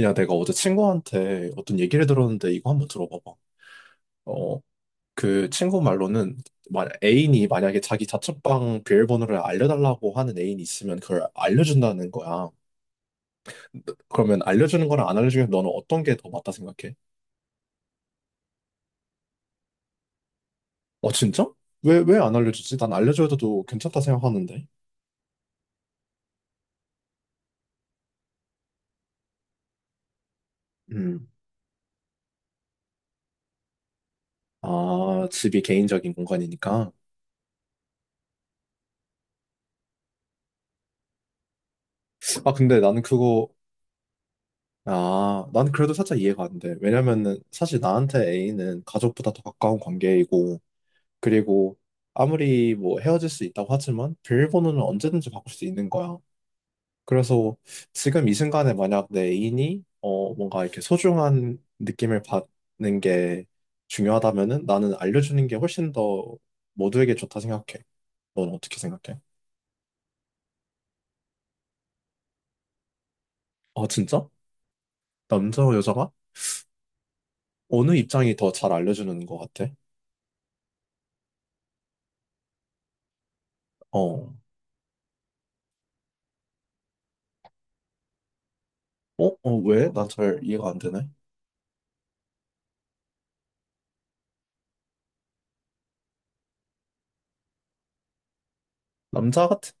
야, 내가 어제 친구한테 어떤 얘기를 들었는데 이거 한번 들어봐봐. 어, 그 친구 말로는 만 애인이 만약에 자기 자취방 비밀번호를 알려달라고 하는 애인이 있으면 그걸 알려준다는 거야. 그러면 알려주는 거랑 안 알려주면 너는 어떤 게 더 맞다 생각해? 어, 진짜? 왜 안 알려주지? 난 알려줘도 괜찮다 생각하는데. 음. 아, 집이 개인적인 공간이니까. 아, 근데 나는 그거, 아, 난 그래도 살짝 이해가 안 돼. 왜냐면은 사실 나한테 애인은 가족보다 더 가까운 관계이고, 그리고 아무리 뭐 헤어질 수 있다고 하지만 비밀번호는 언제든지 바꿀 수 있는 거야. 그래서 지금 이 순간에 만약 내 애인이 뭔가 이렇게 소중한 느낌을 받는 게 중요하다면은 나는 알려주는 게 훨씬 더 모두에게 좋다 생각해. 넌 어떻게 생각해? 아 진짜? 남자와 여자가 어느 입장이 더 잘 알려주는 것 같아? 어, 어, 왜? 난 잘 이해가 안 되네. 남자 같은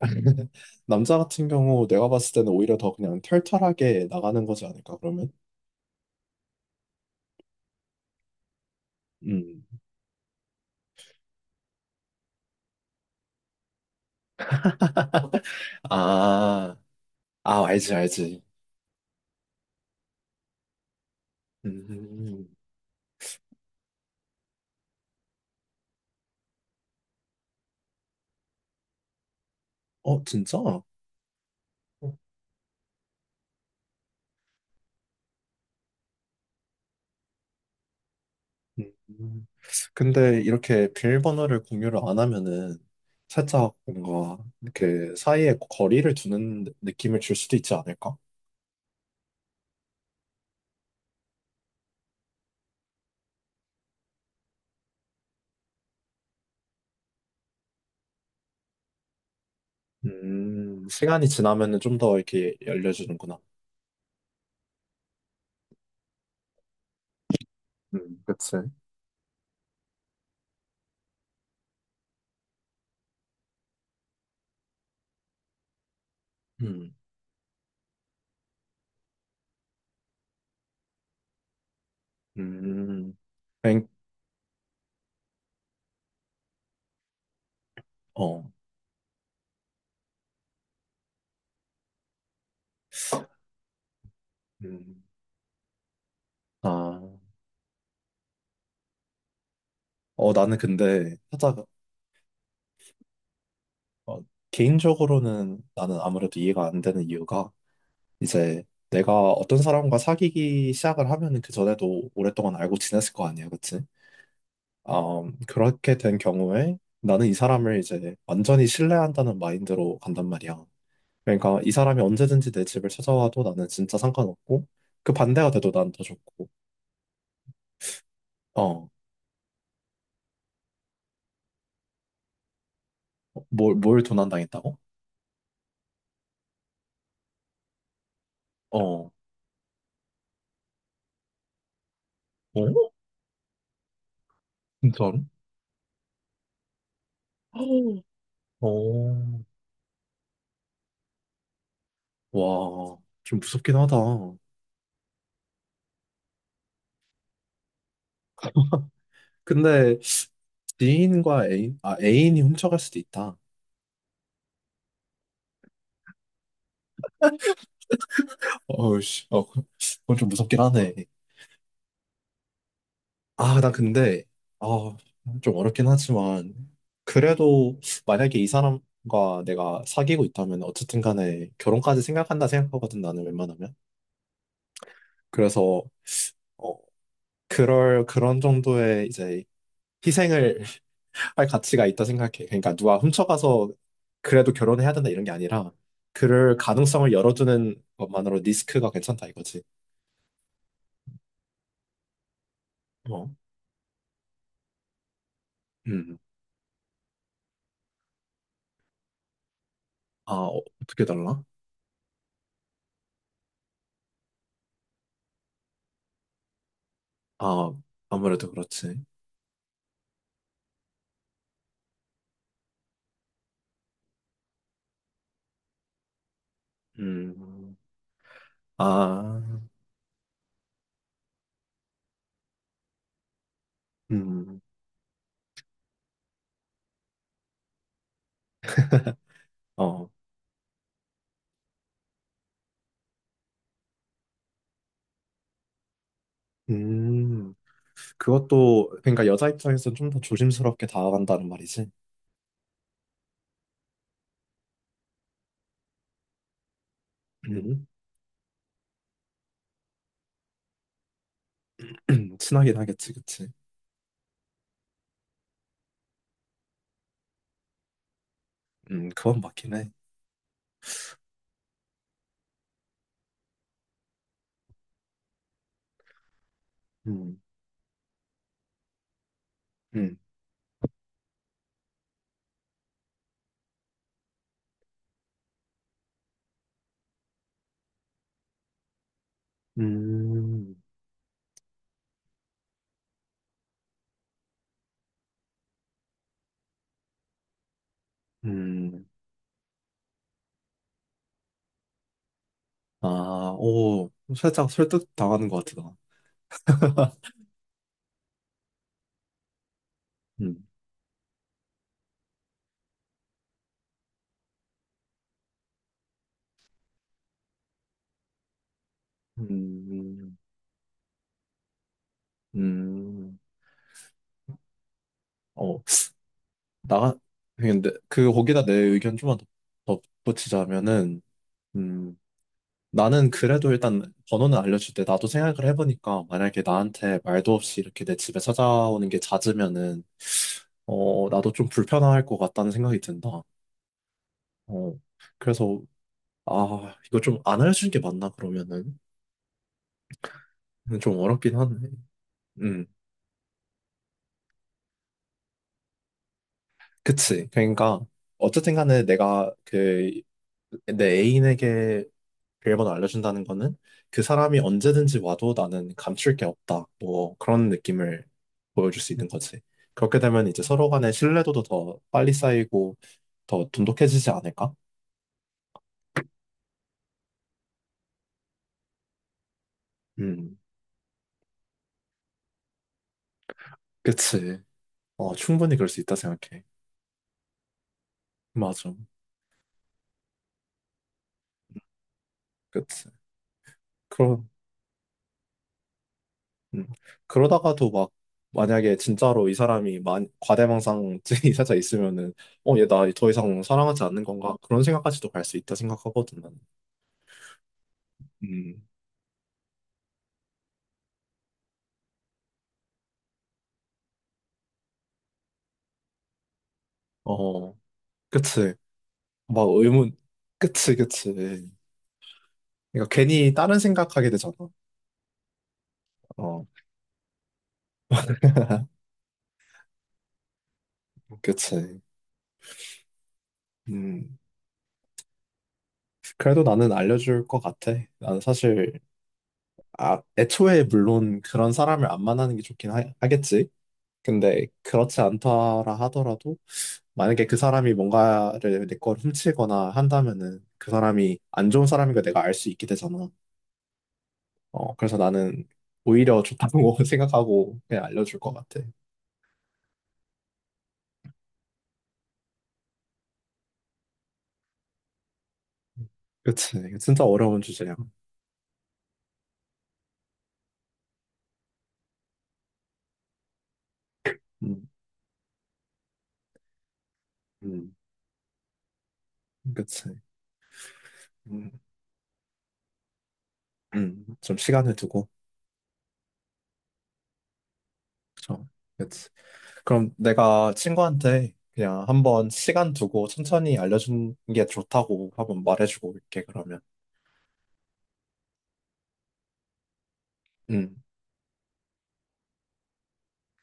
남자 같은 경우 내가 봤을 때는 오히려 더 그냥 털털하게 나가는 거지 않을까, 그러면? 음. 아, 알지, 알지. 음. 어, 진짜? 음. 근데 이렇게 비밀번호를 공유를 안 하면은 살짝 뭔가 이렇게 사이에 거리를 두는 느낌을 줄 수도 있지 않을까? 시간이 지나면은 좀 더 이렇게 열려주는구나. 그치. 음, 음, 뱅, 어, 음, 아. 어, 나는 근데 하다가 어, 개인적으로는 나는 아무래도 이해가 안 되는 이유가 이제 내가 어떤 사람과 사귀기 시작을 하면은 그 전에도 오랫동안 알고 지냈을 거 아니야, 그치? 그렇게 된 경우에 나는 이 사람을 이제 완전히 신뢰한다는 마인드로 간단 말이야. 그러니까 이 사람이 언제든지 내 집을 찾아와도 나는 진짜 상관없고 그 반대가 돼도 난 더 좋고 어, 뭘 도난당했다고? 어, 어? 진짜로? 어. 와, 좀 무섭긴 하다. 근데 지인과 애인, 아, 애인이 훔쳐갈 수도 있다. 어우, 씨, 어, 그- 그건 좀 무섭긴 하네. 아, 나 근데, 아, 좀 어렵긴 하지만, 그래도 만약에 이 사람과 내가 사귀고 있다면 어쨌든 간에 결혼까지 생각한다 생각하거든, 나는 웬만하면. 그래서, 어, 그럴, 그런 정도의 이제 희생을 할 가치가 있다 생각해. 그러니까 누가 훔쳐가서 그래도 결혼해야 된다 이런 게 아니라 그럴 가능성을 열어두는 것만으로 리스크가 괜찮다 이거지. 어. 음. 아, 어, 어떻게 달라? 아, 아무래도 그렇지. 음. 아, 음. 어. 음. 그것도 그러니까 여자 입장에서는 좀 더 조심스럽게 다가간다는 말이지. 음. 친하긴 하겠지, 그치? 그건 맞긴 해. 음. 음. 음. 음. 아, 오, 살짝 설득 당하는 것 같다. 음, 음, 음, 어, 나, 근데 그, 거기다 내 의견 좀만 더, 더 붙이자면은, 음, 나는 그래도 일단 번호는 알려줄 때 나도 생각을 해보니까 만약에 나한테 말도 없이 이렇게 내 집에 찾아오는 게 잦으면은, 어, 나도 좀 불편할 것 같다는 생각이 든다. 어, 그래서, 아, 이거 좀 안 알려주는 게 맞나, 그러면은? 좀 어렵긴 하네. 음. 그치. 그러니까 어쨌든 간에 내가 그 내 애인에게 비밀번호 알려준다는 거는 그 사람이 언제든지 와도 나는 감출 게 없다. 뭐 그런 느낌을 보여줄 수 있는 거지. 그렇게 되면 이제 서로 간의 신뢰도도 더 빨리 쌓이고 더 돈독해지지 않을까? 음, 그치. 어, 충분히 그럴 수 있다 생각해. 맞아. 그치. 그럼 음. 그러다가도 막 만약에 진짜로 이 사람이 만, 과대망상증이 살짝 있으면은 어, 얘 나 더 이상 사랑하지 않는 건가? 그런 생각까지도 갈 수 있다 생각하거든 나는. 음, 어, 그치. 막 의문, 그치. 그러니까 괜히 다른 생각하게 되잖아. 어, 그치. 음, 그래도 나는 알려줄 것 같아. 나는 사실, 아, 애초에 물론 그런 사람을 안 만나는 게 좋긴 하, 겠지 근데 그렇지 않더라 하더라도 만약에 그 사람이 뭔가를 내 걸 훔치거나 한다면은 그 사람이 안 좋은 사람인 걸 내가 알 수 있게 되잖아. 어, 그래서 나는 오히려 좋다고 생각하고 그냥 알려줄 것 같아. 그치. 이거 진짜 어려운 주제야. 음, 음, 그치. 음, 좀 시간을 두고. 그쵸. 그치. 그럼 내가 친구한테 그냥 한번 시간 두고 천천히 알려주는 게 좋다고 한번 말해주고 올게, 그러면. 음,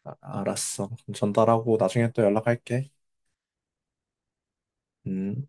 아- 알았어. 그럼 전달하고 나중에 또 연락할게. 음.